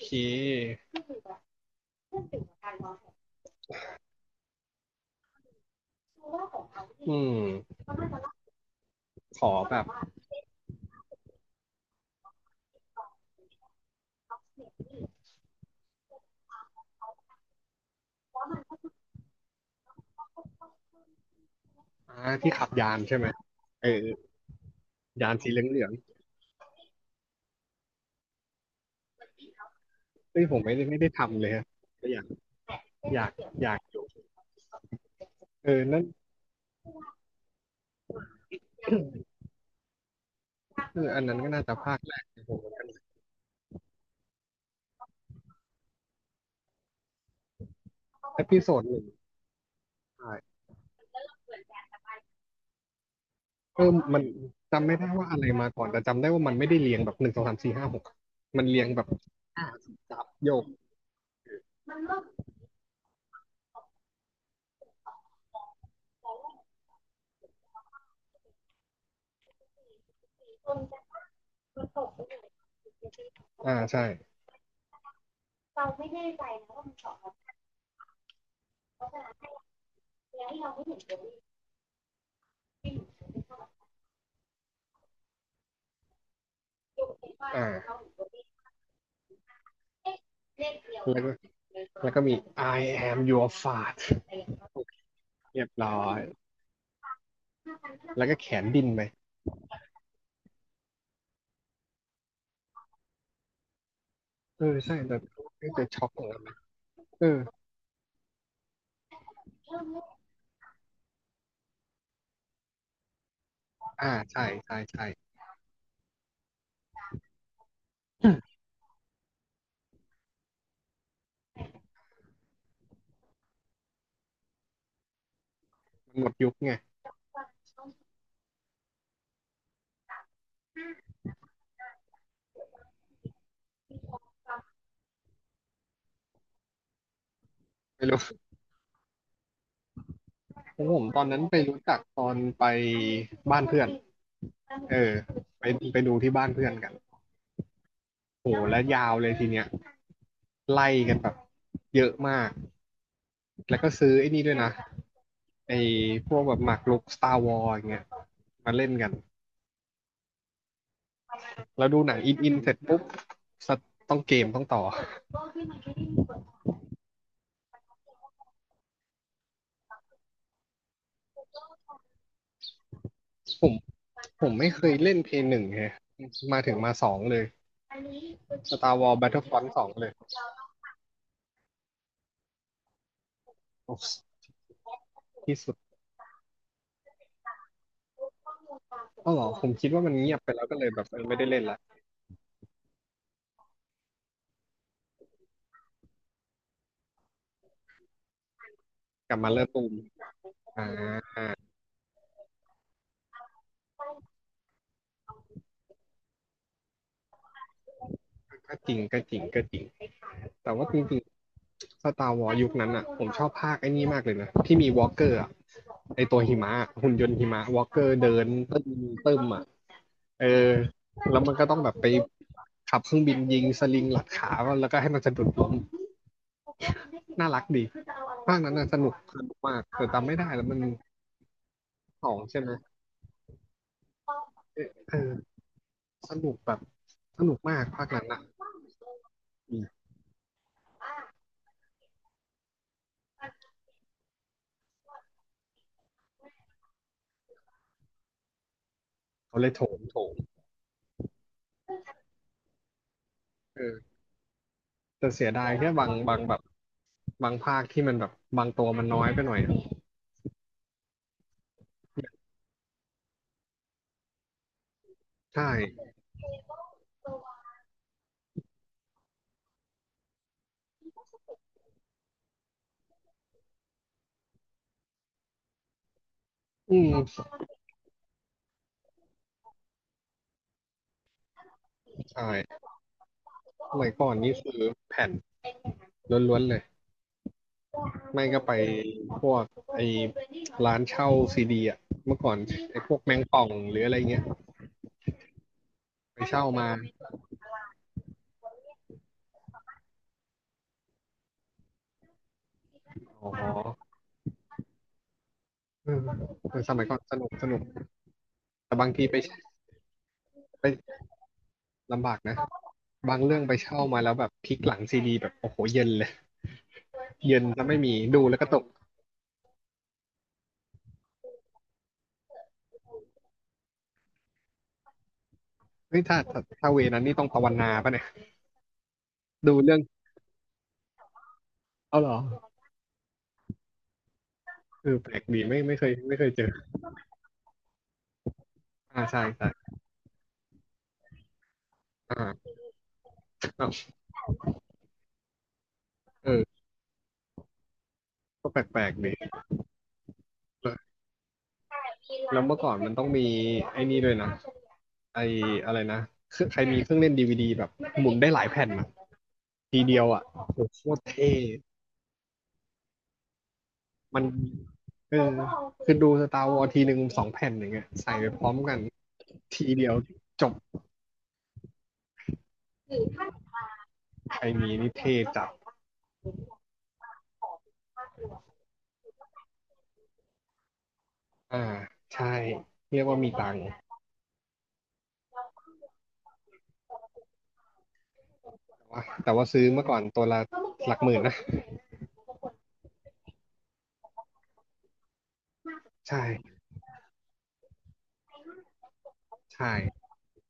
คอืมขอแบบอ่าที่ขับยานใช่ไหมเออยานสีเหลืองๆเฮ้ยผมไม่ได้ทำเลยฮะแต่อยากอยากอยู่เออนั่น เอออันนั้นก็น่าจะภาคแรกของผมเหมือนกันเอพิโซดหนึ่งใช่เออมันจำไม่ได้ว่าอะไรมาก่อนแต่จำได้ว่ามันไม่ได้เรียงแบบหนึ่งสองสามสี่ห้าหกมันเรียงแบบจับโยกอ่าใช่อ่า แล้วก็แล้วก็มี I am your fart เรียบร้อยแล้วก็แขนดินไปเออใช่แต่แต่ช็อกเหมือนกันนะเอออ่าใช่ใช่ใช่มันหมดยุคไงไม่รู้อผมตอนนั้นไปรู้จักตอนไปบ้านเพื่อนเออไปไปดูที่บ้านเพื่อนกันโหและยาวเลยทีเนี้ยไล่กันแบบเยอะมากแล้วก็ซื้อไอ้นี่ด้วยนะไอ้พวกแบบหมากรุก Star Wars อย่างเงี้ยมาเล่นกัน เราดูหนังอินอินเสร็จปุ๊บสัตว์ต้องเกมต้องต่อผมผมไม่เคยเล่นเพย์หนึ่งไงมาถึงมาสองเลยสตาร์วอลแบทเทิลฟอนสองเลยที่สุดอ๋อเหรอผมคิดว่ามันเงียบไปแล้วก็เลยแบบเออไม่ได้เล่นละกลับมาเริ่มตูมอ่าก็จริงก็จริงก็จริงแต่ว่าจริง สตาร์วอร์ยุคนั้นอ่ะผมชอบภาคไอ้นี่มากเลยนะที่มีวอลกเกอร์อะไอตัวหิมะหุ่นยนต์หิมะวอลกเกอร์เดินตึ้มตึ้มอ่ะเออแล้วมันก็ต้องแบบไปขับเครื่องบินยิงสลิงหลัดขาแล้วก็ให้มันสะดุดล้มน่ารักดีภาคนั้นน่ะสนุกสนุกมากแต่จำไม่ได้แล้วมันสองใช่ไหมเออเออสนุกแบบสนุกมากภาคนั้นอ่ะอืมเขาเลยโถมโถมเออแต่เสียดายแค่บางแบบ บางภาคที่มันแบบบางตัวมันน้อยไปหน่อยอะใช่อืมใช่สมัยก่อนนี่คือแผ่นล้วนๆเลยไม่ก็ไปพวกไอ้ร้านเช่าซีดีอ่ะเมื่อก่อนไอ้พวกแมงป่องหรืออะไรเงี้ยไปเช่ามาอ๋อเออเออสมัยก่อนสนุกสนุกแต่บางทีไปไปลำบากนะบางเรื่องไปเช่ามาแล้วแบบพลิกหลังซีดีแบบโอ้โหเย็นเลยเย็นถ้าไม่มีดูแล้วก็ตก เฮ้ยถ้าเวนั้นนี่ต้องภาวนาป่ะเนี่ยดูเรื่องเอาเหรอเออแปลกดีไม่เคยเจออ่าใช่ใช่อ่าเอ้าเออก็แปลกแปลกดีเออแล้วเมื่อก่อนมันต้องมีไอ้นี่ด้วยนะไออะไรนะเครื่องใครมีเครื่องเล่นดีวดีแบบหมุนได้หลายแผ่นอะทีเดียวอ่ะโอ้โหโคตรเท่มันเออคือดูสตาร์วอร์ทีหนึ่งสองแผ่นอย่างเงี้ยใส่ไปพร้อมกันทีเดียวจบใครมีนี่เท่จัด อ่าใช่เรียกว่ามีตังค์แต่ว่าแต่ว่าซื้อเมื่อก่อนตัวละหลักหมื่นนะใช่ใช่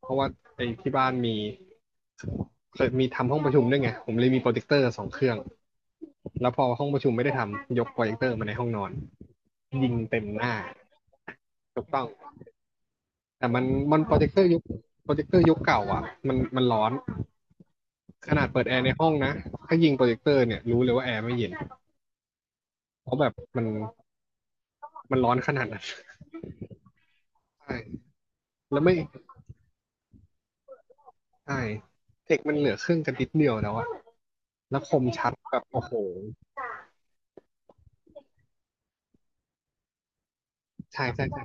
เพราะว่าไอ้ที่บ้านมีเคยมีทำห้องประชุมด้วยไงผมเลยมีโปรเจคเตอร์สองเครื่องแล้วพอห้องประชุมไม่ได้ทำยกโปรเจคเตอร์มาในห้องนอนยิงเต็มหน้าถูกต้องแต่มันมันโปรเจคเตอร์ยุคโปรเจคเตอร์ยุคเก่าอ่ะมันร้อนขนาดเปิดแอร์ในห้องนะถ้ายิงโปรเจคเตอร์เนี่ยรู้เลยว่าแอร์ไม่เย็น เพราะแบบมันร้อนขนาดนั้นใช่แล้วไม่ใช่เทคมันเหลือเครื่องกันนิดเดียวแล้วอะแล้วคมชัดแบบโอ้โหใช่ใช่ใช่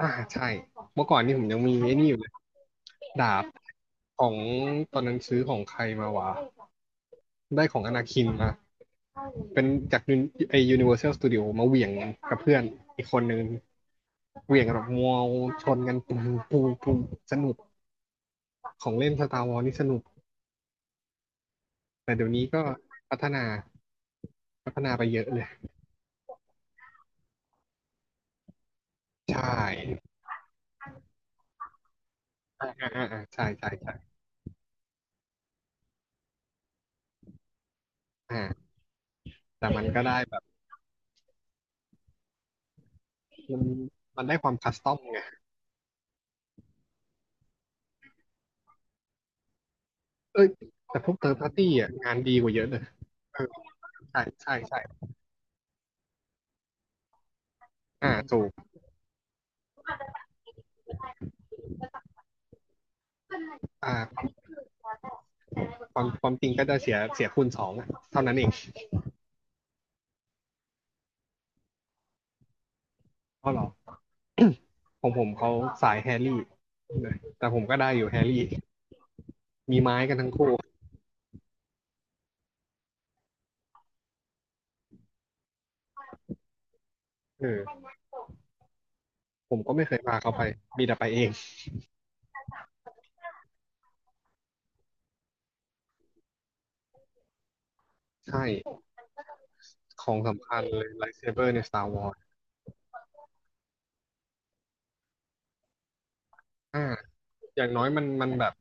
อ่าใช่เมื่อก่อนนี่ผมยังมีไอ้นี่อยู่เลยดาบของตอนนั้นซื้อของใครมาวะได้ของอนาคินมาเป็นจากยูนไอ Universal Studio มาเหวี่ยงกับเพื่อนอีกคนนึงเหวี่ยงกันแบบมัวชนกันปุ้งปุ้งปุ้งสนุกของเล่นสตาร์วอลนี่สนุก แต่เดี๋ยวนี้ก็พัฒนาพัฒนาไปเยอะเลยใช่อ่าอ่าอ่าอ่าใช่ใช่ใช่อ่าแต่มันก็ได้แบบมันมันได้ความคัสตอมไงเอ้ยแต่พวกเติร์ดพาร์ตี้อ่ะงานดีกว่าเยอะเลยเออใช่ใช่ใช่อ่าถูกอ่าความจริงก็จะเสียคูณสองอะเท่านั้นเองเพราะหรอของผมเขาสายแฮร์รี่เลยแต่ผมก็ได้อยู่แฮร์รี่มีไม้กันทั้งคู่เออผมก็ไม่เคยพาเขาไปมีแต่ไปเอง ใช่ของสำคัญเลยไลท์เซเบอร์ใน Star Wars อ่าอย่างน้อยมันแบบ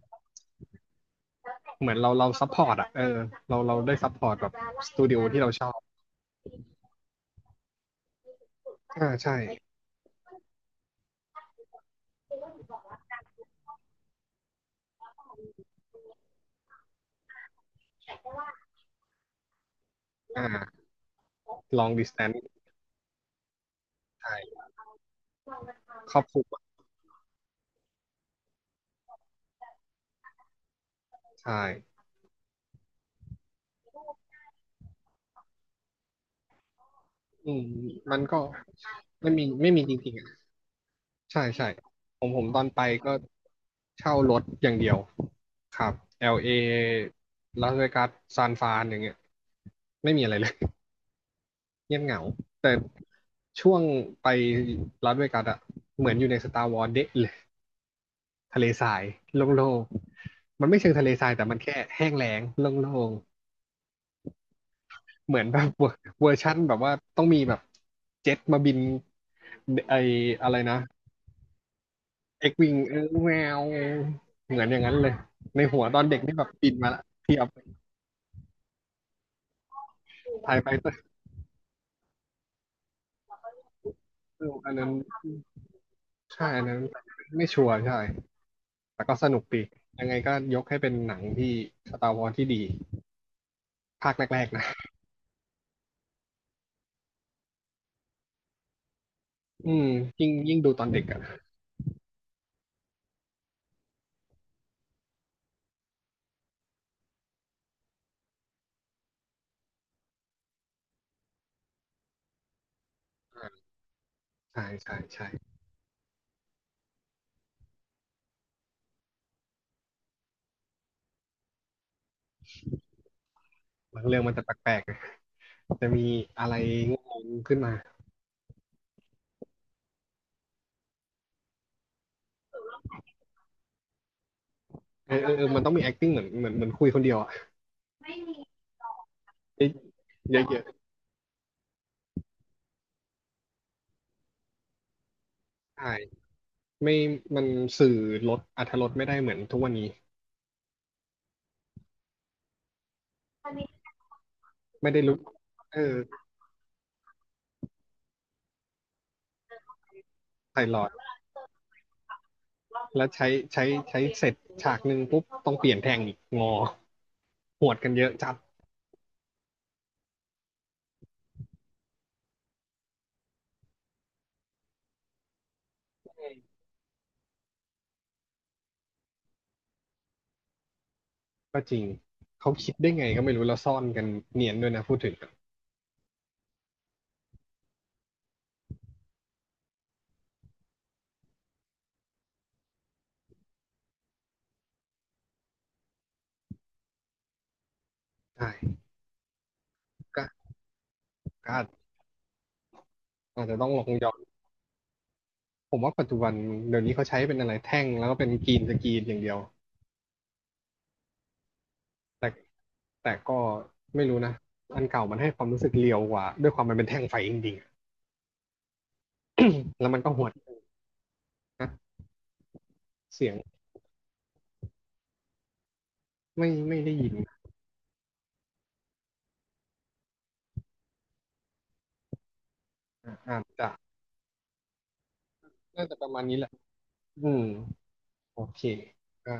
เหมือนเราซัพพอร์ตอ่ะเออเราได้ซัพพอร์ตแบบสตูดิโอที่เราชอบอ่าใช่อ่าลองดิสแตนใช่ครอบคลุมอะใช่อืมมันก็ไม่มีจริงๆอ่ะใช่ใช่ผมตอนไปก็เช่ารถอย่างเดียวครับ LA ลเอลาสเวกัสซานฟรานอย่างเงี้ยไม่มีอะไรเลย เงียบเหงาแต่ช่วงไปลาสเวกัสอะเหมือนอยู่ในสตาร์วอร์เดะเลยทะเลทรายโล่งๆมันไม่เชิงทะเลทรายแต่มันแค่แห้งแล้งโล่งๆเหมือนแบบ เวอร์เวอร์ชั่นแบบว่าต้องมีแบบเจ็ตมาบินไออะไรนะเอ็กวิงเออแมวเหมือนอย่างนั้นเลยในหัวตอนเด็กนี่แบบบินมาละเทียบถ่ายไปเตอร์อันนั้นใช่อันนั้นไม่ชัวร์ใช่ แต่ก็สนุกดียังไงก็ยกให้เป็นหนังที่ Star Wars ที่ดีภาคแรกๆนะอืมยิ่งดูตอนเด็กอะ่ใช่ใช่ใช่บางเรื่องมันจะแปลกๆนะจะมีอะไรงงๆขึ้นมาเออเออเออมันต้องมี acting เหมือนคุยคนเดียวอะเยอะเยอะเยอะใช่ไม่มันสื่อลดอรรถรสไม่ได้เหมือนทุกวันนี้ ไม่ได้รู้เออใส่หลอดแล้วใช้ใช้ใช้เสร็จฉากหนึ่งปุ๊บต้องเปลี่ยนแทงอีกงอหวดกันเยอะจัด ก็จริงเขาคิดได้ไงก็ไม่รู้แล้วซ่อนกันเนียนด้วยนะพูดถึงใช่ก็ก็อาจจะต้องลองย้อนผมว่าปัจจุบันเดี๋ยวนี้เขาใช้เป็นอะไรแท่งแล้วก็เป็นกรีนสกรีนอย่างเดียวแต่แต่ก็ไม่รู้นะอันเก่ามันให้ความรู้สึกเรียวกว่าด้วยความมันเป็นแท่งไฟจริงๆแล้วมันก็หวดนะเสียงไม่ได้ยินอ่อาจจะน่าจะประมาณนี้แหละอืมโอเคก็